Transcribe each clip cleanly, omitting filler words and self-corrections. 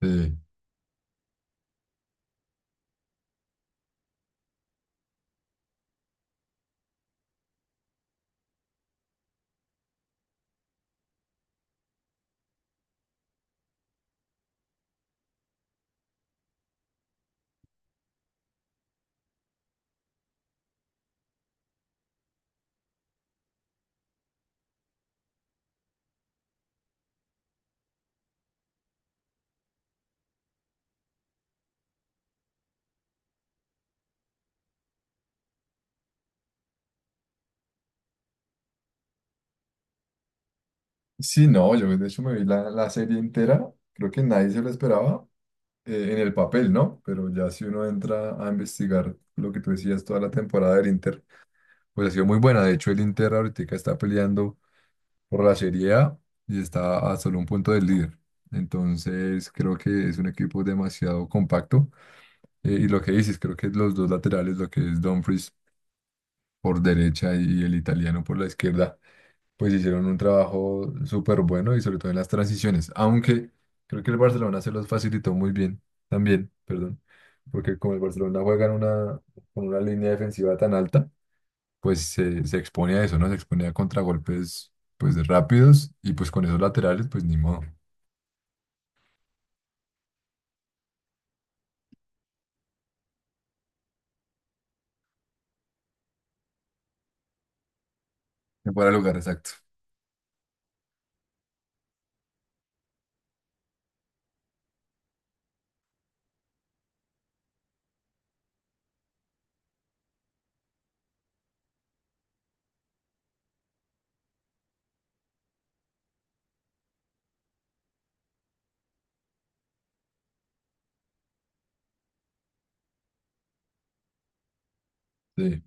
Sí, Sí, no, yo de hecho me vi la serie entera, creo que nadie se lo esperaba en el papel, ¿no? Pero ya si uno entra a investigar lo que tú decías, toda la temporada del Inter, pues ha sido muy buena. De hecho, el Inter ahorita está peleando por la Serie A y está a solo un punto del líder. Entonces, creo que es un equipo demasiado compacto. Y lo que dices, creo que los dos laterales, lo que es Dumfries por derecha y el italiano por la izquierda pues hicieron un trabajo súper bueno y sobre todo en las transiciones, aunque creo que el Barcelona se los facilitó muy bien, también, perdón, porque como el Barcelona juega con una línea defensiva tan alta, pues se expone a eso, ¿no? Se expone a contragolpes pues rápidos y pues con esos laterales, pues ni modo, en fuera de lugar, exacto. Sí.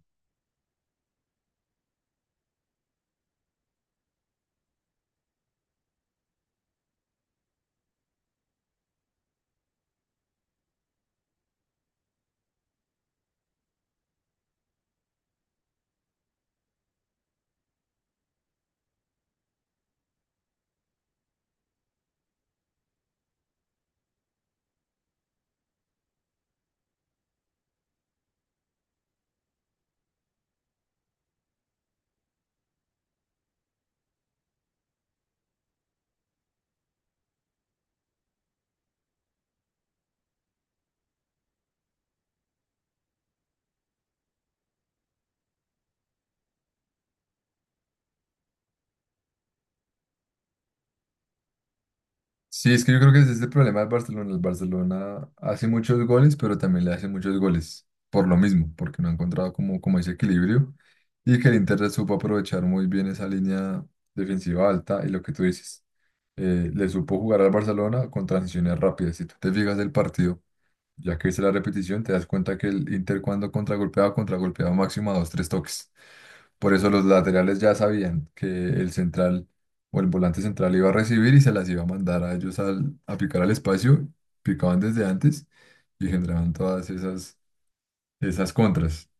Sí, es que yo creo que ese es el problema del Barcelona. El Barcelona hace muchos goles, pero también le hace muchos goles por lo mismo, porque no ha encontrado como, como ese equilibrio y que el Inter supo aprovechar muy bien esa línea defensiva alta y lo que tú dices, le supo jugar al Barcelona con transiciones rápidas. Si tú te fijas del partido, ya que viste la repetición, te das cuenta que el Inter cuando contragolpeaba, contragolpeaba máximo a dos, tres toques. Por eso los laterales ya sabían que el central o el volante central iba a recibir y se las iba a mandar a ellos a picar al espacio. Picaban desde antes y generaban esas contras.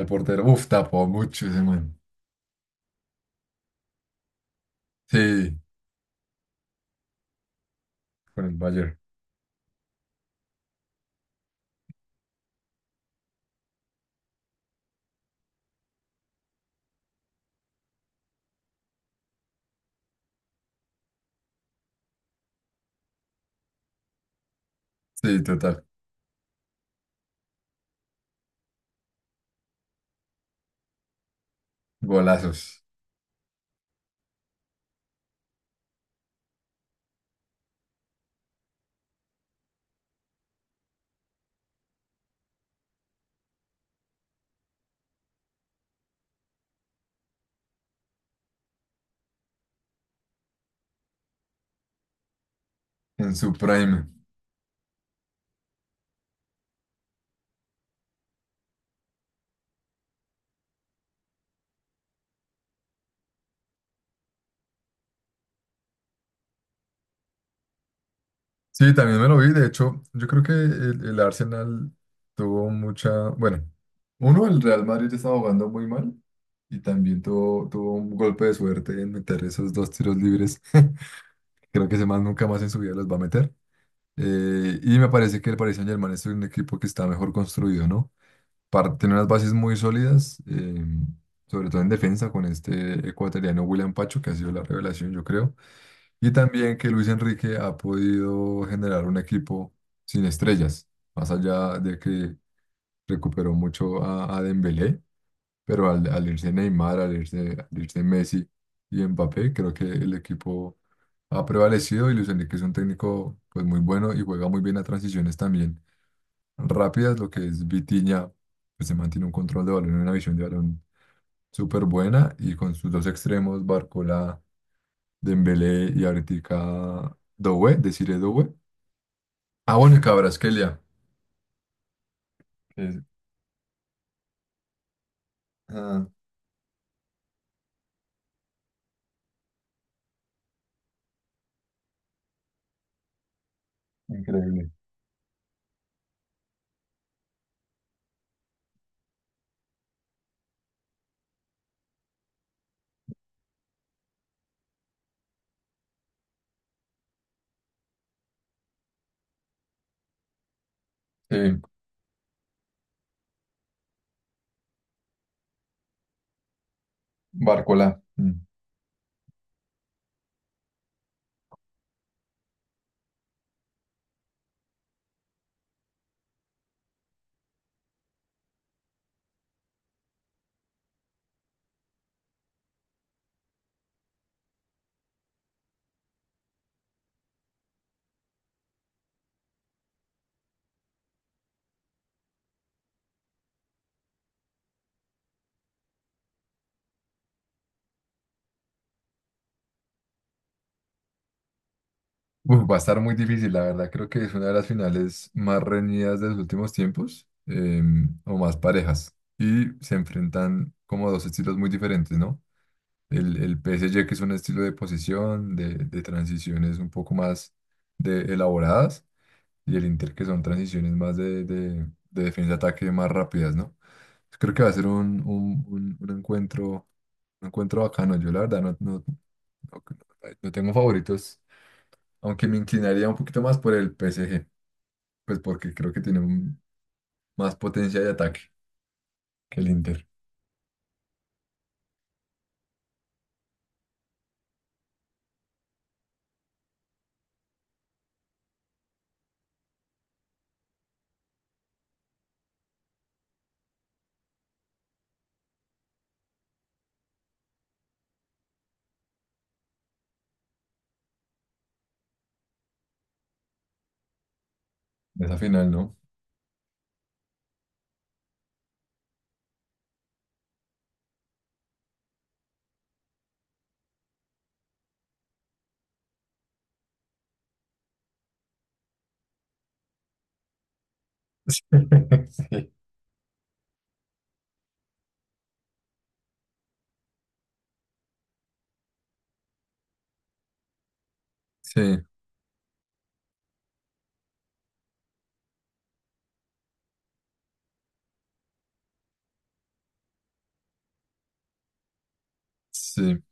Al portero, uff, tapó mucho ese man. Sí, con el Bayern. Sí, total. Golazos en su prime. Sí, también me lo vi. De hecho, yo creo que el Arsenal tuvo mucha. Bueno, uno, el Real Madrid estaba jugando muy mal y también tuvo un golpe de suerte en meter esos dos tiros libres. Creo que ese man nunca más en su vida los va a meter. Y me parece que el Paris Saint-Germain es un equipo que está mejor construido, ¿no? Par- tiene unas bases muy sólidas, sobre todo en defensa, con este ecuatoriano William Pacho, que ha sido la revelación, yo creo. Y también que Luis Enrique ha podido generar un equipo sin estrellas, más allá de que recuperó mucho a Dembélé, pero al irse Neymar, al irse Messi y Mbappé, creo que el equipo ha prevalecido y Luis Enrique es un técnico pues muy bueno y juega muy bien a transiciones también rápidas, lo que es Vitinha, pues se mantiene un control de balón y una visión de balón súper buena y con sus dos extremos, Barcola, Dembélé y ahorita Doué, deciré Doué. Ah, bueno, y Kvaratskhelia, que es- ah, increíble. Sí, Barcola. Mm. Uf, va a estar muy difícil, la verdad. Creo que es una de las finales más reñidas de los últimos tiempos, o más parejas. Y se enfrentan como dos estilos muy diferentes, ¿no? El PSG, que es un estilo de posesión, de transiciones un poco más elaboradas, y el Inter, que son transiciones más de defensa-ataque más rápidas, ¿no? Pues creo que va a ser un encuentro bacano. Yo la verdad no, no tengo favoritos, aunque me inclinaría un poquito más por el PSG, pues porque creo que tiene un- más potencia de ataque que el Inter. Esa final, ¿no? Sí. Sí, sí.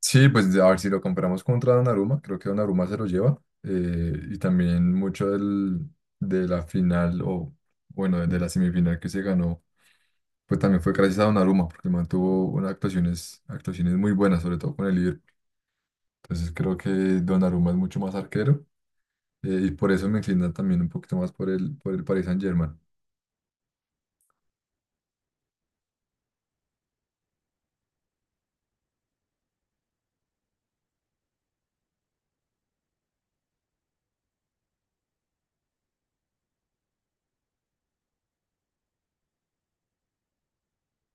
Sí, pues a ver si lo compramos contra Donnarumma, creo que Donnarumma se lo lleva. Y también mucho del, de la final, o bueno, de la semifinal que se ganó, pues también fue gracias a Donnarumma, porque mantuvo unas actuaciones muy buenas, sobre todo con el Liverpool. Entonces creo que Donnarumma es mucho más arquero y por eso me inclina también un poquito más por por el Paris Saint-Germain.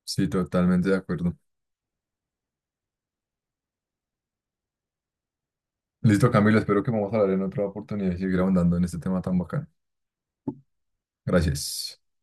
Sí, totalmente de acuerdo. Listo, Camilo, espero que vamos a hablar en otra oportunidad y seguir ahondando en este tema tan bacán. Gracias.